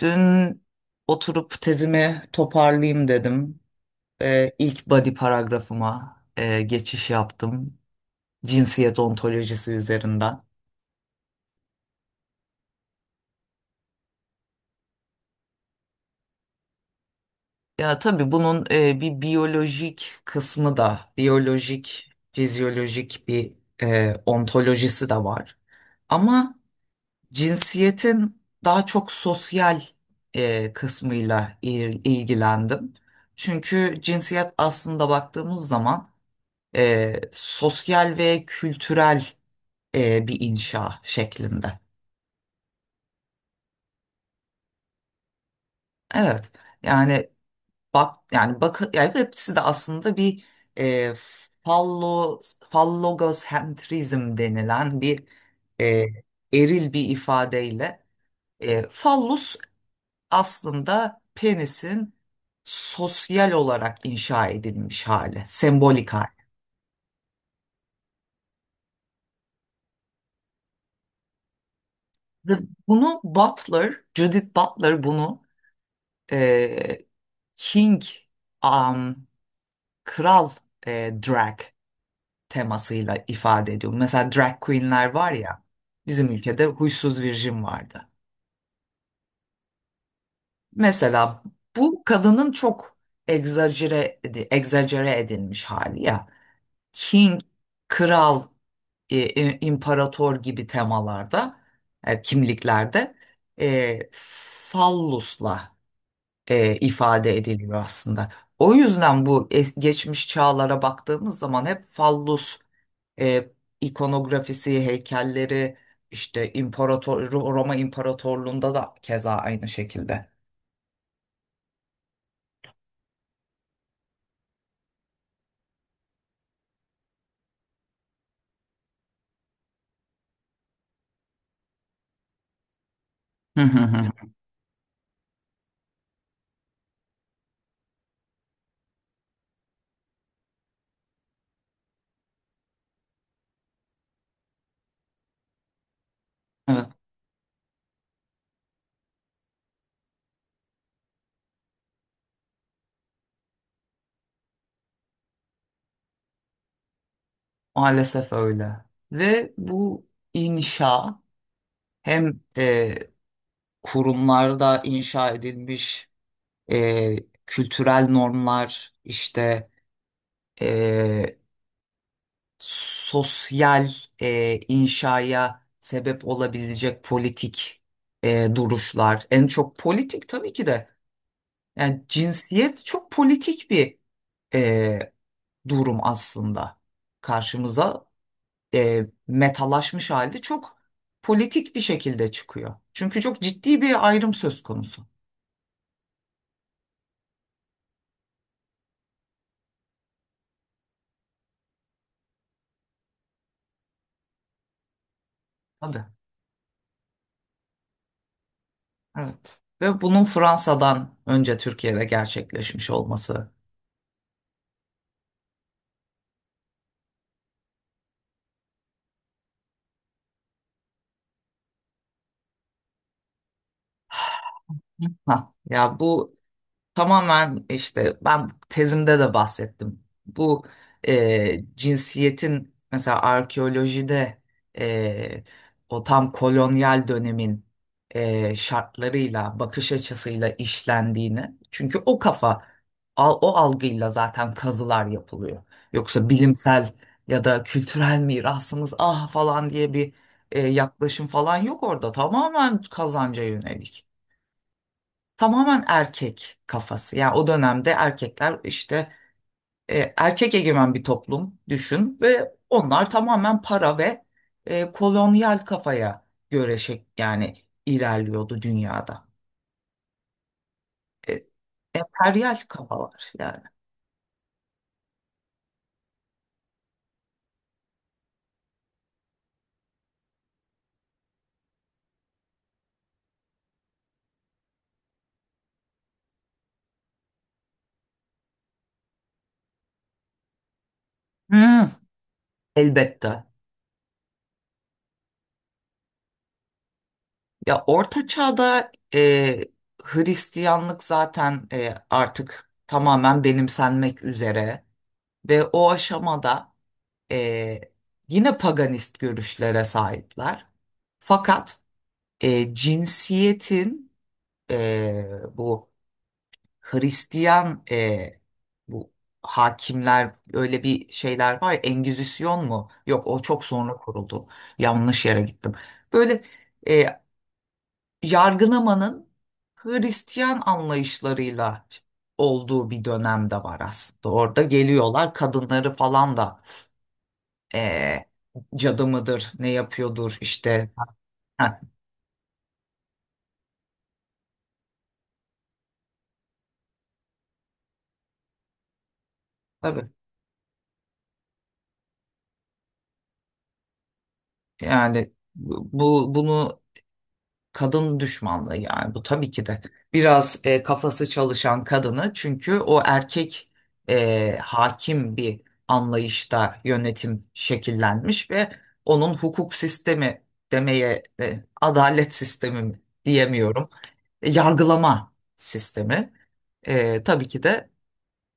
Dün oturup tezimi toparlayayım dedim. İlk body paragrafıma geçiş yaptım. Cinsiyet ontolojisi üzerinden. Ya tabii bunun bir biyolojik kısmı da, biyolojik, fizyolojik bir ontolojisi de var. Ama cinsiyetin daha çok sosyal kısmıyla ilgilendim. Çünkü cinsiyet aslında baktığımız zaman sosyal ve kültürel bir inşa şeklinde. Evet. Yani bak yani hepsi de aslında bir e, fallo fallogocentrizm denilen bir e, eril bir ifadeyle fallus aslında penisin sosyal olarak inşa edilmiş hali, sembolik hali. Ve bunu Butler, Judith Butler bunu e, King, um, kral drag temasıyla ifade ediyor. Mesela drag queenler var ya, bizim ülkede huysuz virjin vardı. Mesela bu kadının çok egzajere, egzajere edilmiş hali ya. King, kral, imparator gibi temalarda, kimliklerde fallusla ifade ediliyor aslında. O yüzden bu geçmiş çağlara baktığımız zaman hep fallus e, ikonografisi, heykelleri işte imparator Roma İmparatorluğu'nda da keza aynı şekilde. Hı hı hı. Evet, maalesef öyle. Ve bu inşa hem kurumlarda inşa edilmiş e, kültürel normlar işte e, sosyal inşaya sebep olabilecek politik duruşlar en çok politik tabii ki de yani cinsiyet çok politik bir e, durum aslında karşımıza metalaşmış halde çok politik bir şekilde çıkıyor. Çünkü çok ciddi bir ayrım söz konusu. Tabii. Evet. Ve bunun Fransa'dan önce Türkiye'de gerçekleşmiş olması. Ha, ya bu tamamen işte ben tezimde de bahsettim. Bu cinsiyetin mesela arkeolojide e, o tam kolonyal dönemin şartlarıyla, bakış açısıyla işlendiğini. Çünkü o kafa, o algıyla zaten kazılar yapılıyor. Yoksa bilimsel ya da kültürel mirasımız ah falan diye bir yaklaşım falan yok orada. Tamamen kazanca yönelik, tamamen erkek kafası. Yani o dönemde erkekler işte erkek egemen bir toplum düşün ve onlar tamamen para ve kolonyal kafaya göre şey, yani ilerliyordu dünyada. E, emperyal kafalar yani. Hmm, elbette. Ya Orta Çağ'da Hristiyanlık zaten artık tamamen benimsenmek üzere ve o aşamada e, yine paganist görüşlere sahipler. Fakat cinsiyetin bu Hristiyan bu hakimler öyle bir şeyler var ya, Engizisyon mu? Yok, o çok sonra kuruldu. Yanlış yere gittim. Böyle. E, Yargılamanın Hristiyan anlayışlarıyla olduğu bir dönemde var aslında. Orada geliyorlar kadınları falan da eee cadı mıdır, ne yapıyordur işte. Ha, tabii. Yani bunu kadın düşmanlığı yani bu tabii ki de biraz kafası çalışan kadını çünkü o erkek hakim bir anlayışta yönetim şekillenmiş ve onun hukuk sistemi demeye adalet sistemi mi diyemiyorum. Yargılama sistemi tabii ki de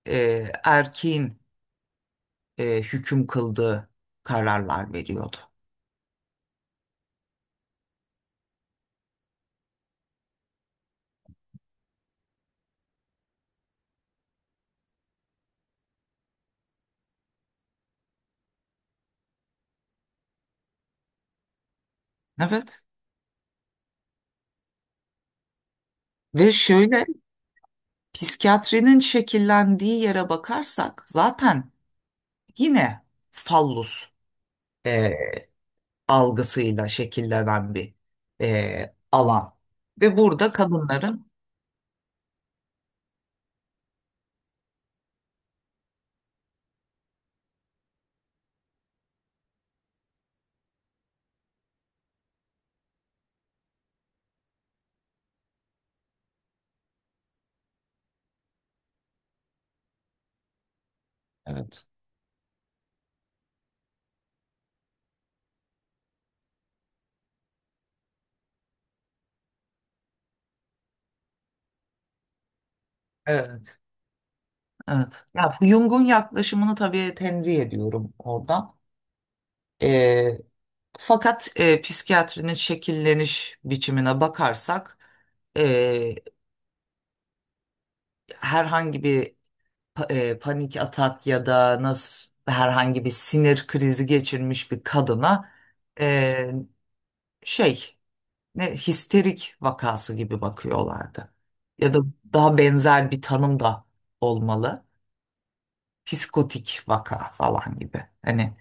erkeğin hüküm kıldığı kararlar veriyordu. Evet. Ve şöyle, psikiyatrinin şekillendiği yere bakarsak zaten yine fallus e, algısıyla şekillenen bir alan. Ve burada kadınların evet. Evet. Evet. Ya Jung'un yaklaşımını tabii tenzih ediyorum oradan. E, Fakat psikiyatrinin şekilleniş biçimine bakarsak e, herhangi bir panik atak ya da nasıl herhangi bir sinir krizi geçirmiş bir kadına e, şey ne histerik vakası gibi bakıyorlardı. Ya da daha benzer bir tanım da olmalı. Psikotik vaka falan gibi. Hani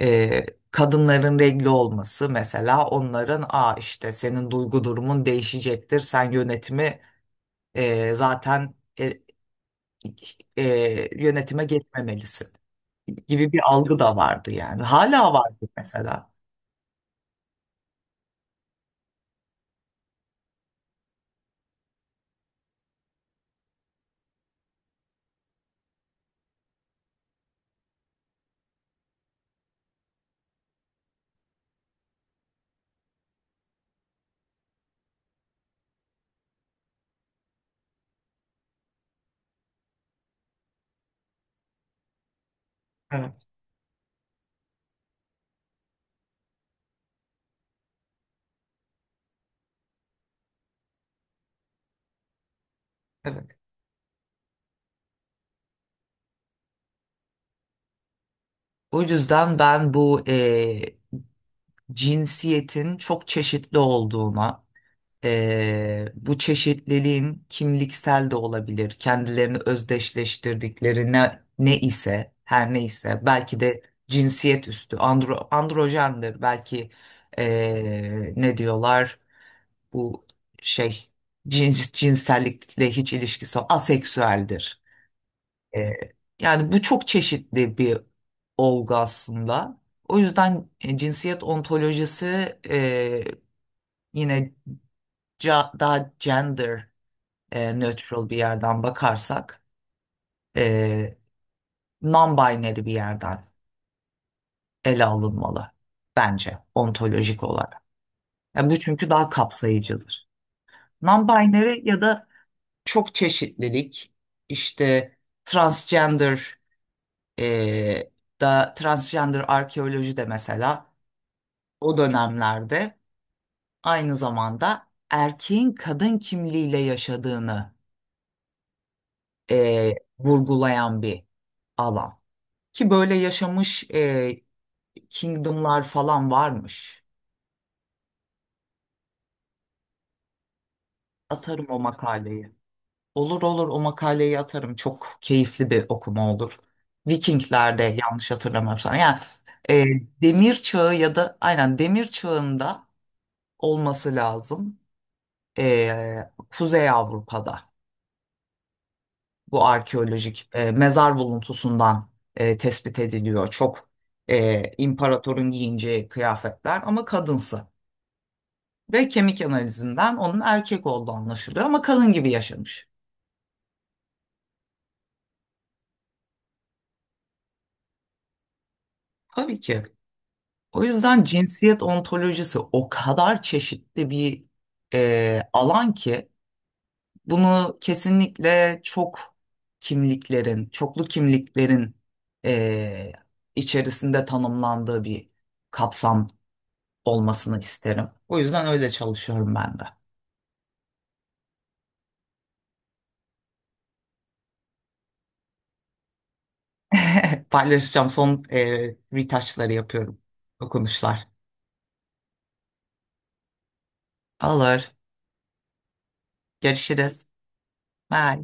kadınların regli olması mesela onların aa işte senin duygu durumun değişecektir. Sen yönetimi zaten e, yönetime geçmemelisin gibi bir algı da vardı yani. Hala vardı mesela. Evet, evet. O yüzden ben bu cinsiyetin çok çeşitli olduğuna. Bu çeşitliliğin kimliksel de olabilir, kendilerini özdeşleştirdikleri ne, ne ise, her ne ise belki de cinsiyet üstü, andro, androjendir, belki ne diyorlar, bu şey cins, cinsellikle hiç ilişkisi yok, aseksüeldir. Ee, Yani bu çok çeşitli bir olgu aslında. O yüzden cinsiyet ontolojisi yine daha gender neutral bir yerden bakarsak e, non-binary bir yerden ele alınmalı bence ontolojik olarak. Yani bu çünkü daha kapsayıcıdır. Non-binary ya da çok çeşitlilik işte transgender e, transgender arkeoloji de mesela o dönemlerde aynı zamanda erkeğin kadın kimliğiyle yaşadığını e, vurgulayan bir alan. Ki böyle yaşamış Kingdom'lar falan varmış. Atarım o makaleyi. Olur olur, o makaleyi atarım. Çok keyifli bir okuma olur. Vikingler'de yanlış hatırlamıyorsam. Yani e, demir çağı ya da aynen demir çağında olması lazım. Kuzey Avrupa'da bu arkeolojik mezar buluntusundan tespit ediliyor. Çok imparatorun giyineceği kıyafetler ama kadınsı. Ve kemik analizinden onun erkek olduğu anlaşılıyor ama kadın gibi yaşamış. Tabii ki. O yüzden cinsiyet ontolojisi o kadar çeşitli bir alan ki bunu kesinlikle çok kimliklerin, çoklu kimliklerin e, içerisinde tanımlandığı bir kapsam olmasını isterim. O yüzden öyle çalışıyorum ben de. Paylaşacağım. Son retouchları yapıyorum. Dokunuşlar. Alır. Görüşürüz. Ha,